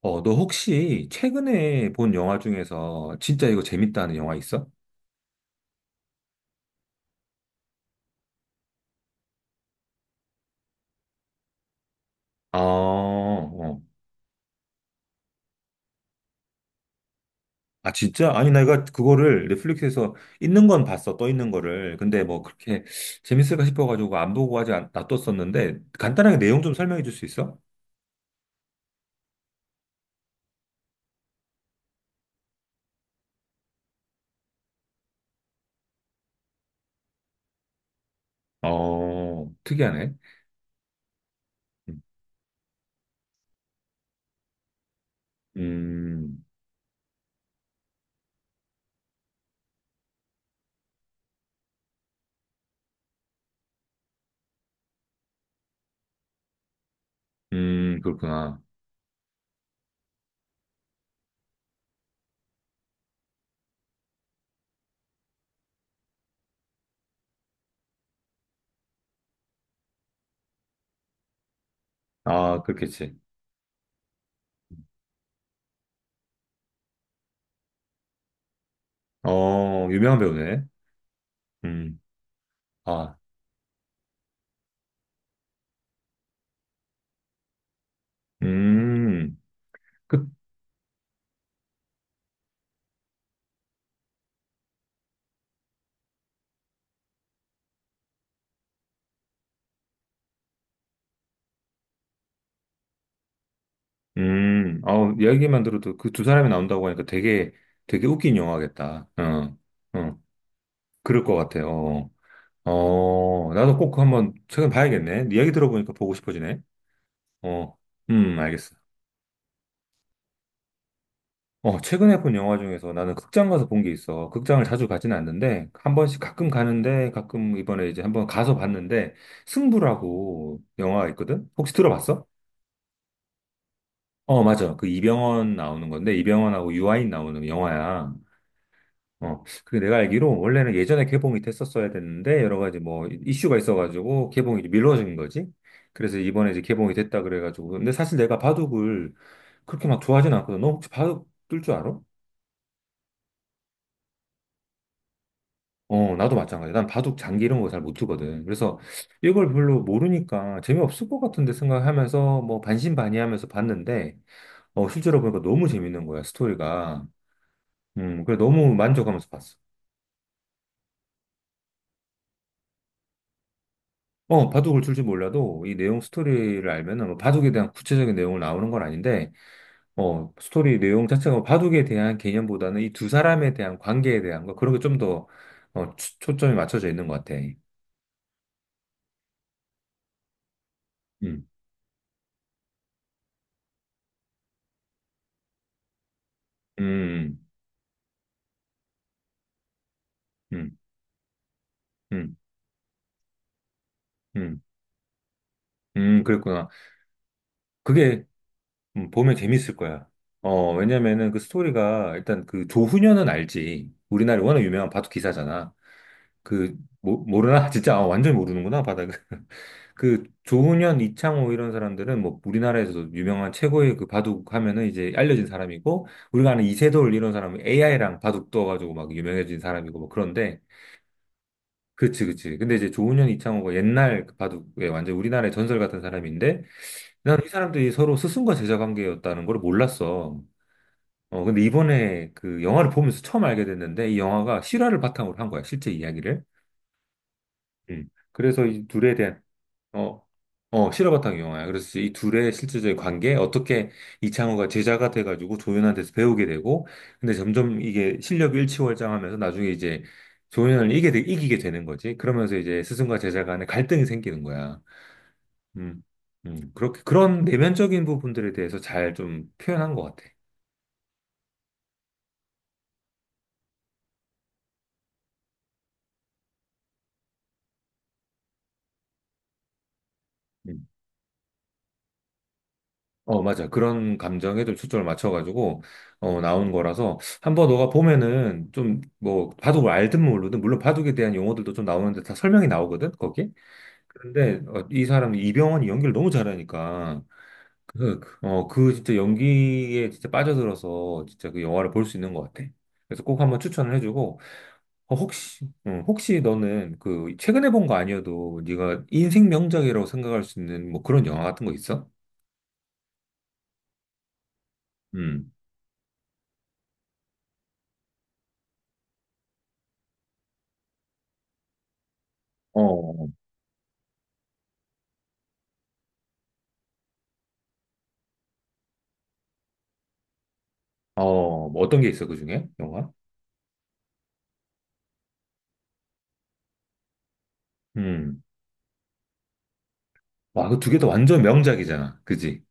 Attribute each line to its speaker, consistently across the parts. Speaker 1: 어, 너 혹시 최근에 본 영화 중에서 진짜 이거 재밌다는 영화 있어? 아, 어. 아, 진짜? 아니, 내가 그거를 넷플릭스에서 있는 건 봤어, 떠 있는 거를. 근데 뭐 그렇게 재밌을까 싶어가지고 안 보고 놔뒀었는데, 간단하게 내용 좀 설명해 줄 수 있어? 어, 특이하네. 음. 음. 음. 그렇구나. 아, 그렇겠지. 어, 유명한 배우네. 음. 아. 음. 그, 아, 이야기만 들어도 그 두 사람이 나온다고 하니까 되게, 되게 웃긴 영화겠다. 어, 어, 그럴 것 같아요. 어, 어, 나도 꼭 한번 최근 봐야겠네. 이야기 들어보니까 보고 싶어지네. 어, 알겠어. 어, 최근에 본 영화 중에서 나는 극장 가서 본 게 있어. 극장을 자주 가진 않는데, 한 번씩 가끔 가는데, 가끔 이번에 이제 한번 가서 봤는데, 승부라고 영화가 있거든? 혹시 들어봤어? 어, 맞아. 그 이병헌 나오는 건데, 이병헌하고 유아인 나오는 영화야. 어, 그게 내가 알기로 원래는 예전에 개봉이 됐었어야 됐는데 여러 가지 뭐 이슈가 있어가지고 개봉이 이제 미뤄진 거지. 그래서 이번에 이제 개봉이 됐다 그래가지고. 근데 사실 내가 바둑을 그렇게 막 좋아하진 않거든. 너 혹시 바둑 뜰 줄 알아? 어, 나도 마찬가지야. 난 바둑 장기 이런 거 잘 못 두거든. 그래서 이걸 별로 모르니까 재미없을 것 같은데 생각하면서 뭐 반신반의하면서 봤는데 어, 실제로 보니까 너무 재밌는 거야, 스토리가. 그래 너무 만족하면서 봤어. 어, 바둑을 둘지 몰라도 이 내용 스토리를 알면은 뭐 바둑에 대한 구체적인 내용을 나오는 건 아닌데, 어, 스토리 내용 자체가 뭐 바둑에 대한 개념보다는 이 두 사람에 대한 관계에 대한 거, 그런 게 좀 더, 어, 초점이 맞춰져 있는 것 같아. 음. 음. 음. 음. 음. 음. 그랬구나. 그게 보면 재밌을 거야. 어, 왜냐면은 그 스토리가 일단 그 조훈현은 알지. 우리나라에 워낙 유명한 바둑 기사잖아. 그 모르나? 진짜 아, 완전히 모르는구나 바닥을. 그 조훈현, 이창호 이런 사람들은 뭐 우리나라에서도 유명한 최고의 그 바둑 하면은 이제 알려진 사람이고 우리가 아는 이세돌 이런 사람은 AI랑 바둑 떠가지고 막 유명해진 사람이고 뭐 그런데 그치 그치. 근데 이제 조훈현, 이창호가 옛날 그 바둑에 완전 우리나라의 전설 같은 사람인데 나는 이 사람들이 서로 스승과 제자 관계였다는 걸 몰랐어. 어, 근데 이번에 그 영화를 보면서 처음 알게 됐는데 이 영화가 실화를 바탕으로 한 거야, 실제 이야기를. 음. 그래서 이 둘에 대한 어, 어, 실화바탕 영화야. 그래서 이 둘의 실제적인 관계, 어떻게 이창호가 제자가 돼가지고 조연한테서 배우게 되고, 근데 점점 이게 실력이 일치월장하면서 나중에 이제 조연을 이기게, 이기게 되는 거지. 그러면서 이제 스승과 제자 간에 갈등이 생기는 거야. 음, 그렇게, 그런 내면적인 부분들에 대해서 잘 좀 표현한 것 같아. 어, 맞아. 그런 감정에 좀 초점을 맞춰가지고, 어, 나온 거라서, 한번 너가 보면은, 좀, 뭐, 바둑을 알든 모르든, 물론 바둑에 대한 용어들도 좀 나오는데 다 설명이 나오거든, 거기? 그런데, 어, 이 사람, 이병헌이 연기를 너무 잘하니까, 그, 어, 그 진짜 연기에 진짜 빠져들어서, 진짜 그 영화를 볼 수 있는 것 같아. 그래서 꼭 한번 추천을 해주고, 어, 혹시, 응, 혹시 너는 그, 최근에 본 거 아니어도, 네가 인생 명작이라고 생각할 수 있는 뭐 그런 영화 같은 거 있어? 음. 어. 어, 뭐 어떤 게 있어, 그 중에? 영화? 음. 와, 그 두 개 다 완전 명작이잖아. 그지?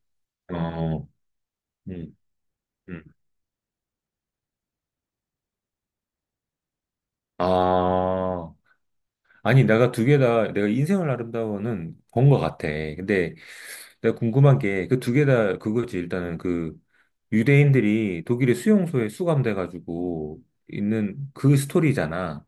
Speaker 1: 어. 음. 음. 아, 아니, 내가 두 개 다, 내가 인생을 아름다워는 본 것 같아. 근데 내가 궁금한 게, 그 두 개 다 그거지. 일단은 그 유대인들이 독일의 수용소에 수감돼가지고 있는 그 스토리잖아.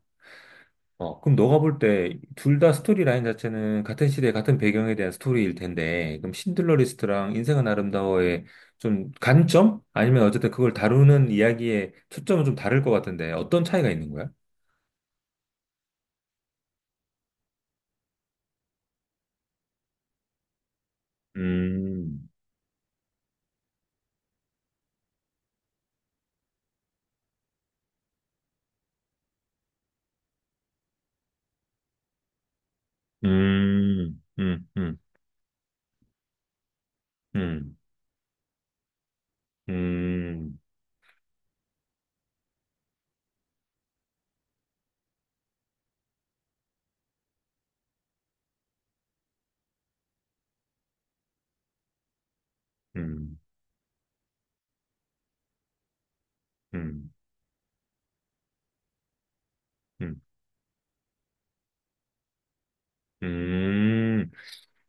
Speaker 1: 어, 그럼 너가 볼 때 둘 다 스토리 라인 자체는 같은 시대, 같은 배경에 대한 스토리일 텐데, 그럼 신들러 리스트랑 인생은 아름다워의 좀 관점? 아니면 어쨌든 그걸 다루는 이야기의 초점은 좀 다를 것 같은데, 어떤 차이가 있는 거야? 음. 음. 음. 음. 음. 음. 음. 음. 음. 음.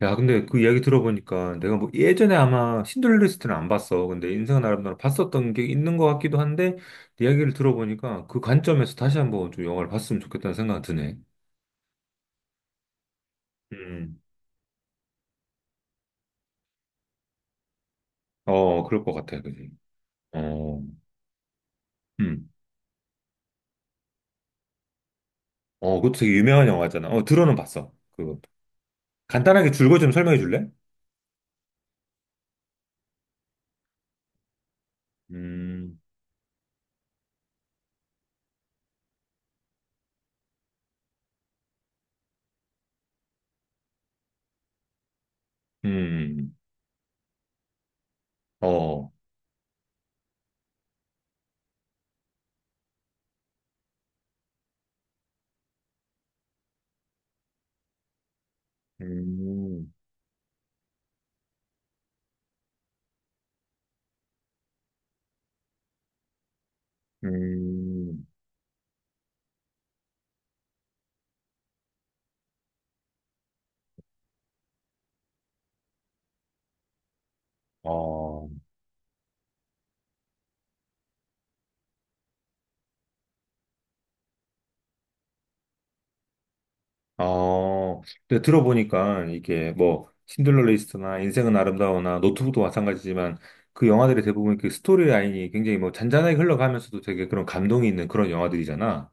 Speaker 1: 야, 근데 그 이야기 들어보니까 내가 뭐 예전에 아마 신들리스트는 안 봤어. 근데 인생은 아름다워 봤었던 게 있는 것 같기도 한데 이야기를 들어보니까 그 관점에서 다시 한번 좀 영화를 봤으면 좋겠다는 생각이 드네. 음. 어, 그럴 것 같아. 그지? 어. 음. 어, 그것도 되게 유명한 영화잖아. 어, 들어는 봤어. 그거. 간단하게 줄거 좀 설명해 줄래? 음. 음. 어. 음. 음. 어. 어, 근데 들어보니까 이게 뭐 신들러 리스트나 인생은 아름다워나 노트북도 마찬가지지만 그 영화들이 대부분 그 스토리 라인이 굉장히 뭐 잔잔하게 흘러가면서도 되게 그런 감동이 있는 그런 영화들이잖아.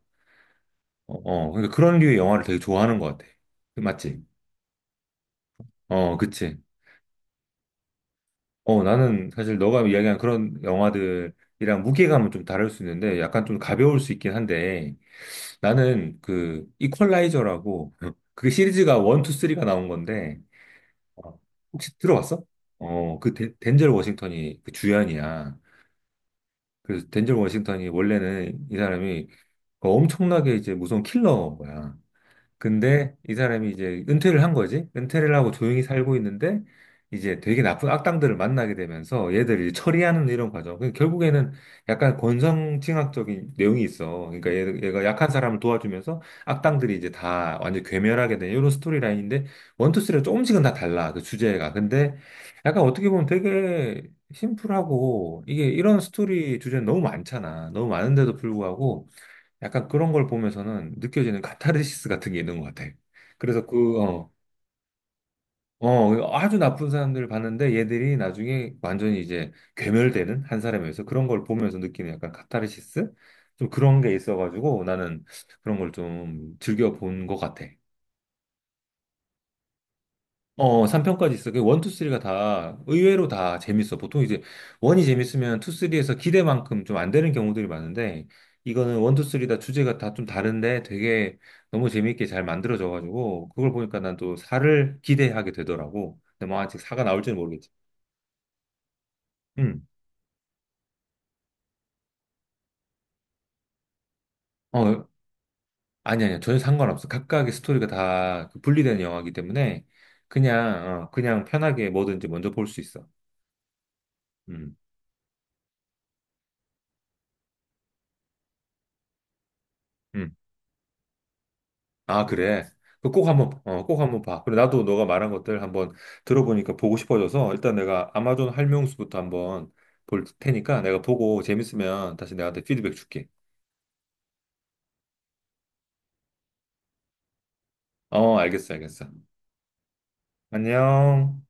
Speaker 1: 어, 어, 그러니까 그런 류의 영화를 되게 좋아하는 것 같아. 그 맞지? 어, 그치. 어, 나는 사실 너가 이야기한 그런 영화들이랑 무게감은 좀 다를 수 있는데 약간 좀 가벼울 수 있긴 한데 나는 그 이퀄라이저라고 그게 시리즈가 1, 2, 3가 나온 건데 어, 혹시 들어봤어? 어, 그 덴젤 워싱턴이 그 주연이야. 그래서 덴젤 워싱턴이 원래는 이 사람이 그 엄청나게 이제 무서운 킬러인 거야. 근데 이 사람이 이제 은퇴를 한 거지. 은퇴를 하고 조용히 살고 있는데 이제 되게 나쁜 악당들을 만나게 되면서 얘들을 이제 처리하는 이런 과정. 그 결국에는 약간 권선징악적인 내용이 있어. 그러니까 얘가 약한 사람을 도와주면서 악당들이 이제 다 완전 괴멸하게 되는 이런 스토리라인인데 원투쓰리가 조금씩은 다 달라. 그 주제가. 근데 약간 어떻게 보면 되게 심플하고 이게 이런 스토리 주제는 너무 많잖아. 너무 많은데도 불구하고 약간 그런 걸 보면서는 느껴지는 카타르시스 같은 게 있는 것 같아. 그래서 그, 어, 어, 아주 나쁜 사람들을 봤는데 얘들이 나중에 완전히 이제 괴멸되는 한 사람에서 그런 걸 보면서 느끼는 약간 카타르시스? 좀 그런 게 있어가지고 나는 그런 걸 좀 즐겨 본 것 같아. 어, 3편까지 있어. 그 1, 2, 3가 다 의외로 다 재밌어. 보통 이제 1이 재밌으면 2, 3에서 기대만큼 좀 안 되는 경우들이 많은데 이거는 1, 2, 3 다 주제가 다 좀 다른데 되게 너무 재밌게 잘 만들어져가지고 그걸 보니까 난 또 4를 기대하게 되더라고. 근데 뭐 아직 4가 나올지는 모르겠지. 음. 어, 아니 아니 전혀 상관없어. 각각의 스토리가 다그 분리된 영화이기 때문에 그냥 어, 그냥 편하게 뭐든지 먼저 볼 수 있어. 음. 음. 아, 그래. 그꼭 한번, 어, 꼭 한번 봐. 그래, 나도 너가 말한 것들 한번 들어보니까 보고 싶어져서 일단 내가 아마존 할명수부터 한번 볼 테니까 내가 보고 재밌으면 다시 내한테 피드백 줄게. 어, 알겠어, 알겠어. 안녕.